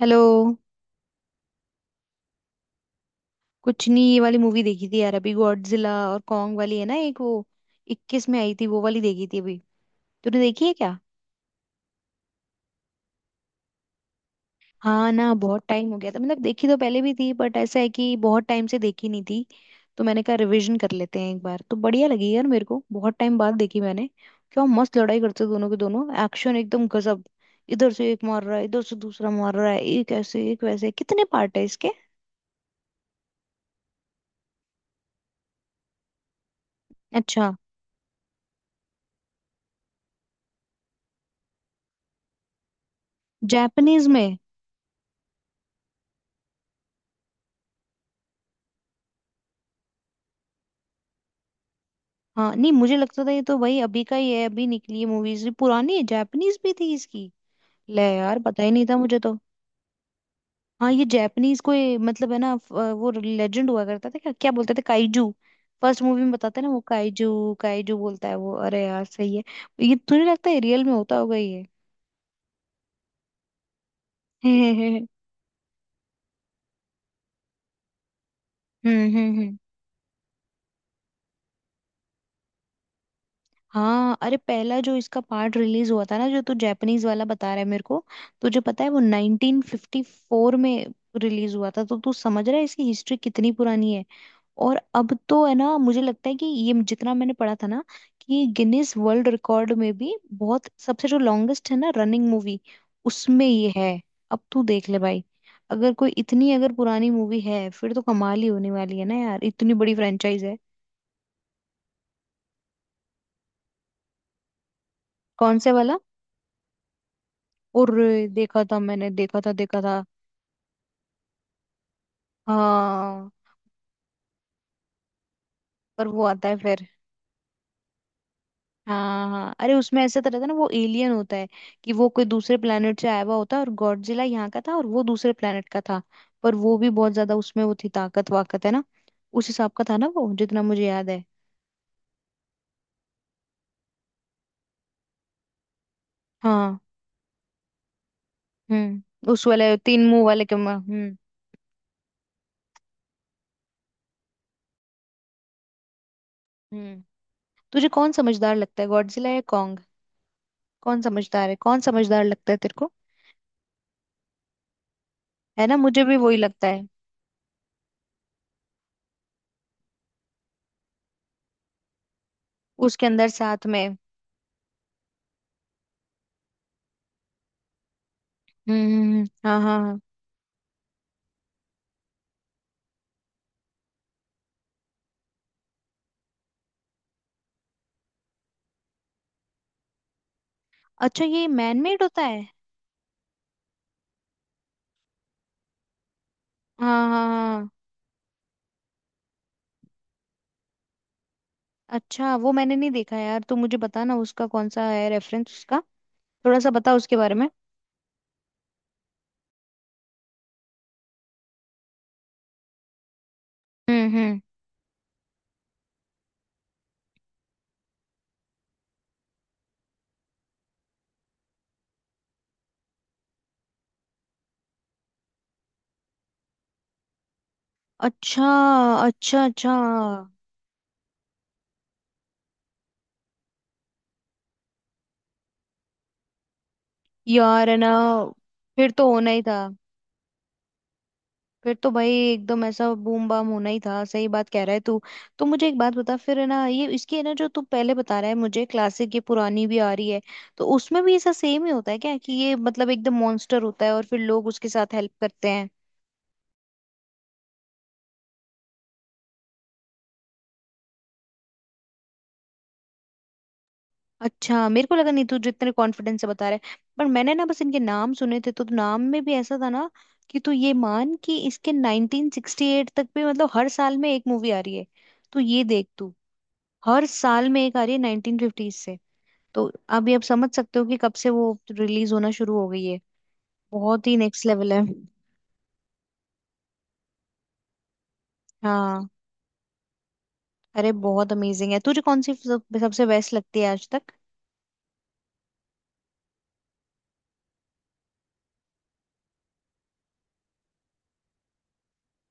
Hello. कुछ नहीं, ये वाली मूवी देखी थी यार अभी, गॉडजिला और कॉन्ग वाली है ना, एक वो इक्कीस में आई थी, वो वाली देखी थी अभी। तूने देखी है क्या? हाँ ना, बहुत टाइम हो गया था, मतलब देखी तो पहले भी थी बट ऐसा है कि बहुत टाइम से देखी नहीं थी। तो मैंने कहा रिवीजन कर लेते हैं एक बार, तो बढ़िया लगी यार मेरे को, बहुत टाइम बाद देखी मैंने। क्या मस्त लड़ाई करते दोनों के दोनों, एक्शन एकदम गजब। इधर से एक मार रहा है, इधर से दूसरा मार रहा है, एक ऐसे एक वैसे। कितने पार्ट है इसके? अच्छा। जापानीज में? हाँ नहीं, मुझे लगता था ये तो भाई अभी का ही है, अभी निकली है मूवीज, पुरानी है जापानीज भी थी इसकी। ले यार, पता ही नहीं था मुझे तो। हाँ ये जापानीज कोई मतलब है ना वो लेजेंड हुआ करता था, क्या क्या बोलते थे, काइजू। फर्स्ट मूवी में बताते हैं ना, वो काइजू काइजू बोलता है वो, अरे यार सही है। ये तुझे लगता है रियल में होता होगा ये? हम्म। हम्म हम्म हाँ अरे, पहला जो इसका पार्ट रिलीज हुआ था ना, जो तू जापानीज वाला बता रहा है मेरे को, तुझे पता है वो 1954 में रिलीज हुआ था। तो तू समझ रहा है इसकी हिस्ट्री कितनी पुरानी है। और अब तो है ना, मुझे लगता है कि ये जितना मैंने पढ़ा था ना, कि गिनीज वर्ल्ड रिकॉर्ड में भी बहुत सबसे जो लॉन्गेस्ट है ना रनिंग मूवी, उसमें ये है। अब तू देख ले भाई, अगर कोई इतनी अगर पुरानी मूवी है फिर तो कमाल ही होने वाली है ना यार, इतनी बड़ी फ्रेंचाइज है। कौन से वाला? और देखा था मैंने, देखा था देखा था। हाँ, पर वो आता है फिर। हाँ हाँ, अरे उसमें ऐसा तो रहता है ना, वो एलियन होता है, कि वो कोई दूसरे प्लेनेट से आया हुआ होता है, और गॉडजिला यहाँ का था और वो दूसरे प्लेनेट का था। पर वो भी बहुत ज्यादा उसमें वो थी ताकत वाकत, है ना, उस हिसाब का था ना वो जितना मुझे याद है। हाँ। हम्म, उस वाले तीन मुंह वाले के हम्म। हम्म। तुझे कौन समझदार लगता है, गॉडजिला या कॉन्ग? कौन समझदार है, कौन समझदार लगता है तेरे को? है ना, मुझे भी वही लगता है। उसके अंदर साथ में। हम्म, हाँ हाँ हाँ। अच्छा, ये मैनमेड होता है? हाँ हाँ हाँ। अच्छा, वो मैंने नहीं देखा यार, तो मुझे बता ना, उसका कौन सा है रेफरेंस उसका, थोड़ा सा बता उसके बारे में। हम्म। अच्छा अच्छा। अच्छा यार, है ना, फिर तो होना ही था। फिर तो भाई एकदम ऐसा बूम बाम होना ही था, सही बात कह रहा है तू। तो मुझे एक बात बता फिर, है ना, ये इसकी है ना, जो तू पहले बता रहा है मुझे, क्लासिक ये पुरानी भी आ रही है, तो उसमें भी ऐसा सेम ही होता है क्या, कि ये मतलब एकदम मॉन्स्टर होता है और फिर लोग उसके साथ हेल्प करते हैं? अच्छा, मेरे को लगा नहीं, तू जितने कॉन्फिडेंस से बता रहा है, पर मैंने ना बस इनके नाम सुने थे, तो नाम में भी ऐसा था ना, कि तू ये मान कि इसके 1968 तक भी मतलब हर साल में एक मूवी आ रही है। तो ये देख तू, हर साल में एक आ रही है 1950 से। तो अब ये आप समझ सकते हो कि कब से वो रिलीज होना शुरू हो गई है, बहुत ही नेक्स्ट लेवल है। हाँ अरे, बहुत अमेजिंग है। तुझे कौन सी सबसे बेस्ट लगती है आज तक?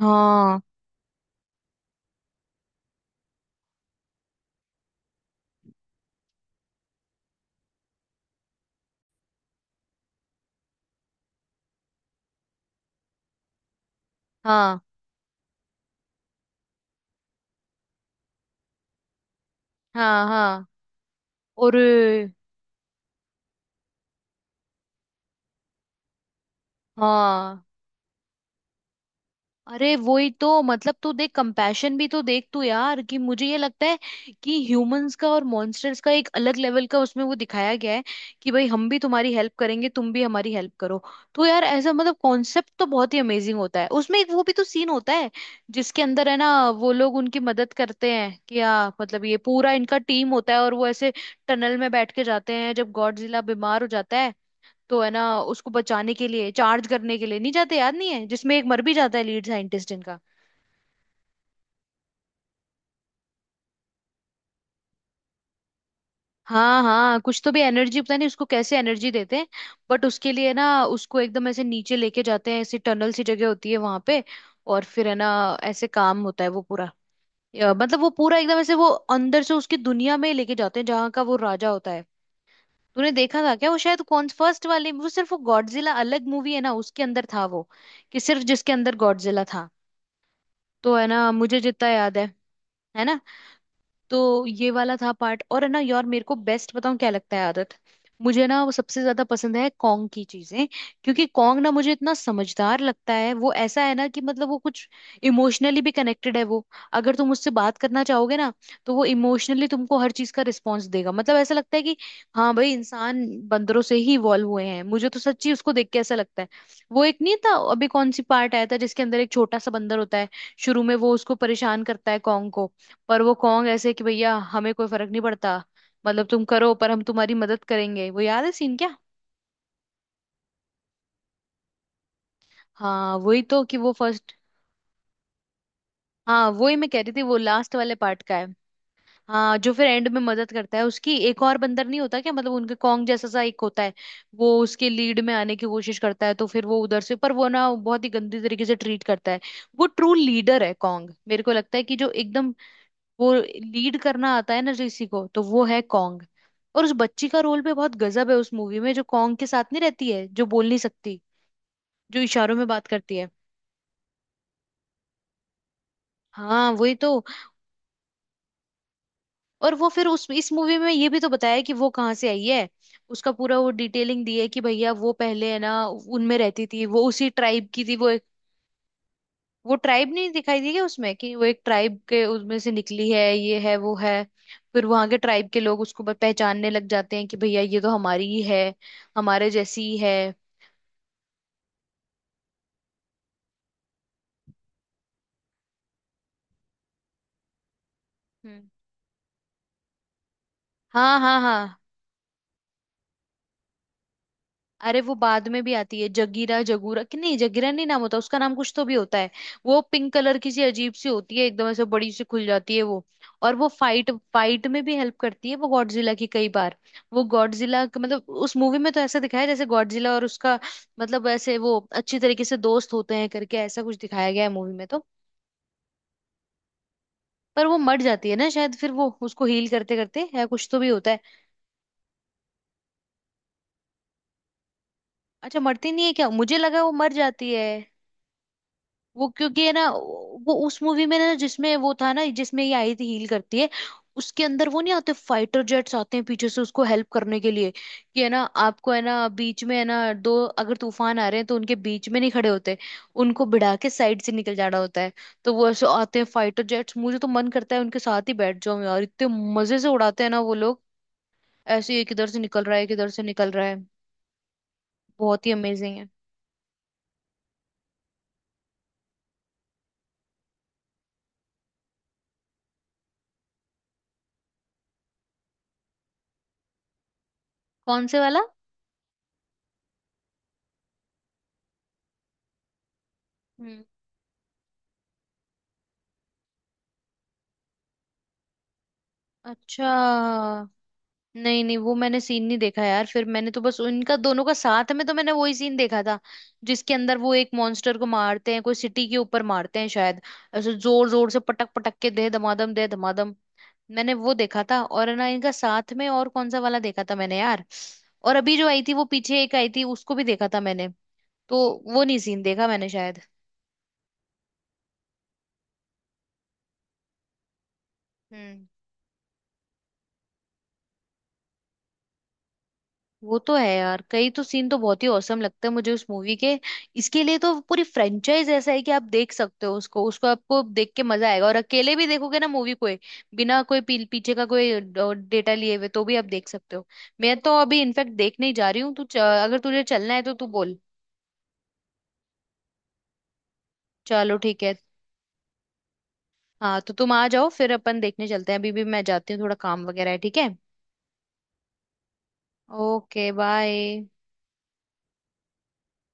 हाँ। हाँ हाँ। हाँ। और। हाँ। अरे वही तो, मतलब तू देख कंपैशन भी तो देख तू यार, कि मुझे ये लगता है कि ह्यूमंस का और मॉन्स्टर्स का एक अलग लेवल का उसमें वो दिखाया गया है, कि भाई हम भी तुम्हारी हेल्प करेंगे, तुम भी हमारी हेल्प करो। तो यार ऐसा मतलब कॉन्सेप्ट तो बहुत ही अमेजिंग होता है उसमें। एक वो भी तो सीन होता है, जिसके अंदर है ना, वो लोग उनकी मदद करते हैं, कि हाँ मतलब ये पूरा इनका टीम होता है और वो ऐसे टनल में बैठ के जाते हैं जब गॉडजिला बीमार हो जाता है। तो है ना, उसको बचाने के लिए चार्ज करने के लिए नहीं जाते, याद नहीं है, जिसमें एक मर भी जाता है लीड साइंटिस्ट इनका। हाँ हाँ, कुछ तो भी एनर्जी, पता नहीं उसको कैसे एनर्जी देते हैं। बट उसके लिए ना उसको एकदम ऐसे नीचे लेके जाते हैं, ऐसी टनल सी जगह होती है वहां पे, और फिर है ना ऐसे काम होता है वो पूरा, मतलब वो पूरा एकदम ऐसे वो अंदर से उसकी दुनिया में लेके जाते हैं, जहाँ का वो राजा होता है। तूने देखा था क्या? वो शायद कौन फर्स्ट वाले, वो सिर्फ वो गॉडजिला अलग मूवी है ना, उसके अंदर था वो, कि सिर्फ जिसके अंदर गॉडजिला था, तो है ना, मुझे जितना याद है। है ना। तो ये वाला था पार्ट। और है ना यार, मेरे को बेस्ट बताऊं क्या लगता है? आदत, मुझे ना वो सबसे ज्यादा पसंद है, कॉन्ग की चीजें। क्योंकि कॉन्ग ना मुझे इतना समझदार लगता है, वो ऐसा है ना कि मतलब वो कुछ इमोशनली भी कनेक्टेड है वो। अगर तुम उससे बात करना चाहोगे ना, तो वो इमोशनली तुमको हर चीज का रिस्पॉन्स देगा, मतलब ऐसा लगता है कि हाँ भाई, इंसान बंदरों से ही इवॉल्व हुए हैं मुझे तो, सच्ची उसको देख के ऐसा लगता है। वो एक नहीं था अभी कौन सी पार्ट आया था, जिसके अंदर एक छोटा सा बंदर होता है, शुरू में वो उसको परेशान करता है कॉन्ग को, पर वो कॉन्ग ऐसे कि भैया हमें कोई फर्क नहीं पड़ता। मतलब तुम करो पर हम तुम्हारी मदद करेंगे, वो याद है सीन क्या? हाँ वही तो, कि वो फर्स्ट। हाँ वही मैं कह रही थी, वो लास्ट वाले पार्ट का है। हाँ, जो फिर एंड में मदद करता है उसकी, एक और बंदर नहीं होता क्या, मतलब उनके कॉन्ग जैसा सा एक होता है, वो उसके लीड में आने की कोशिश करता है, तो फिर वो उधर से, पर वो ना बहुत ही गंदी तरीके से ट्रीट करता है। वो ट्रू लीडर है कॉन्ग, मेरे को लगता है कि जो एकदम, वो लीड करना आता है ना किसी को, तो वो है कॉन्ग। और उस बच्ची का रोल भी बहुत गजब है उस मूवी में, जो कॉन्ग के साथ नहीं रहती है, जो बोल नहीं सकती, जो इशारों में बात करती है। हाँ वही तो। और वो फिर उस इस मूवी में ये भी तो बताया है कि वो कहाँ से आई है, उसका पूरा वो डिटेलिंग दी है कि भैया वो पहले है ना उनमें रहती थी, वो उसी ट्राइब की थी वो। वो ट्राइब नहीं दिखाई दी क्या उसमें, कि वो एक ट्राइब के उसमें से निकली है, ये है वो है, फिर वहां के ट्राइब के लोग उसको पहचानने लग जाते हैं कि भैया ये तो हमारी ही है, हमारे जैसी ही है। हम्म, हाँ हाँ हाँ। अरे वो बाद में भी आती है, जगीरा जगूरा, कि नहीं जगीरा नहीं, नाम होता उसका, नाम कुछ तो भी होता है। वो पिंक कलर की सी अजीब सी होती है, एकदम ऐसे बड़ी सी खुल जाती है वो, और वो फाइट फाइट में भी हेल्प करती है वो गॉडजिला की कई बार। वो गॉडजिला, मतलब उस मूवी में तो ऐसा दिखाया है जैसे गॉडजिला और उसका, मतलब ऐसे वो अच्छी तरीके से दोस्त होते हैं करके ऐसा कुछ दिखाया गया है मूवी में तो। पर वो मर जाती है ना शायद, फिर वो उसको हील करते करते, या कुछ तो भी होता है। अच्छा, मरती नहीं है क्या? मुझे लगा वो मर जाती है। वो क्योंकि है ना, वो उस मूवी में ना, जिसमें वो था ना, जिसमें ये आई थी हील करती है, उसके अंदर वो नहीं आते, फाइटर जेट्स आते हैं पीछे से उसको हेल्प करने के लिए। कि है ना, आपको है ना, बीच में है ना दो, अगर तूफान आ रहे हैं तो उनके बीच में नहीं खड़े होते, उनको भिड़ा के साइड से निकल जाना होता है। तो वो ऐसे आते हैं फाइटर जेट्स, मुझे तो मन करता है उनके साथ ही बैठ जाऊं यार, इतने मजे से उड़ाते हैं ना वो लोग, ऐसे ही एक इधर से निकल रहा है एक इधर से निकल रहा है, बहुत ही अमेजिंग है। कौन से वाला? हम्म। अच्छा। नहीं नहीं, वो मैंने सीन नहीं देखा यार, फिर मैंने तो बस उनका दोनों का साथ में तो मैंने वही सीन देखा था, जिसके अंदर वो एक मॉन्स्टर को मारते हैं, कोई सिटी के ऊपर मारते हैं शायद, ऐसे जोर जोर से पटक पटक के दे धमादम दे धमादम। मैंने वो देखा था, और है ना इनका साथ में और कौन सा वाला देखा था मैंने यार, और अभी जो आई थी वो पीछे एक आई थी उसको भी देखा था मैंने, तो वो नहीं सीन देखा मैंने शायद। हम्म, वो तो है यार, कई तो सीन तो बहुत ही औसम लगते हैं मुझे उस मूवी के। इसके लिए तो पूरी फ्रेंचाइज ऐसा है कि आप देख सकते हो उसको, उसको आपको देख के मजा आएगा, और अकेले भी देखोगे ना मूवी को बिना कोई पीछे का कोई डेटा लिए हुए, तो भी आप देख सकते हो। मैं तो अभी इनफेक्ट देखने ही जा रही हूँ, तू अगर तुझे चलना है तो तू बोल। चलो ठीक है। हाँ तो तुम आ जाओ फिर अपन देखने चलते हैं, अभी भी मैं जाती हूँ थोड़ा काम वगैरह है, ठीक है। Okay bye.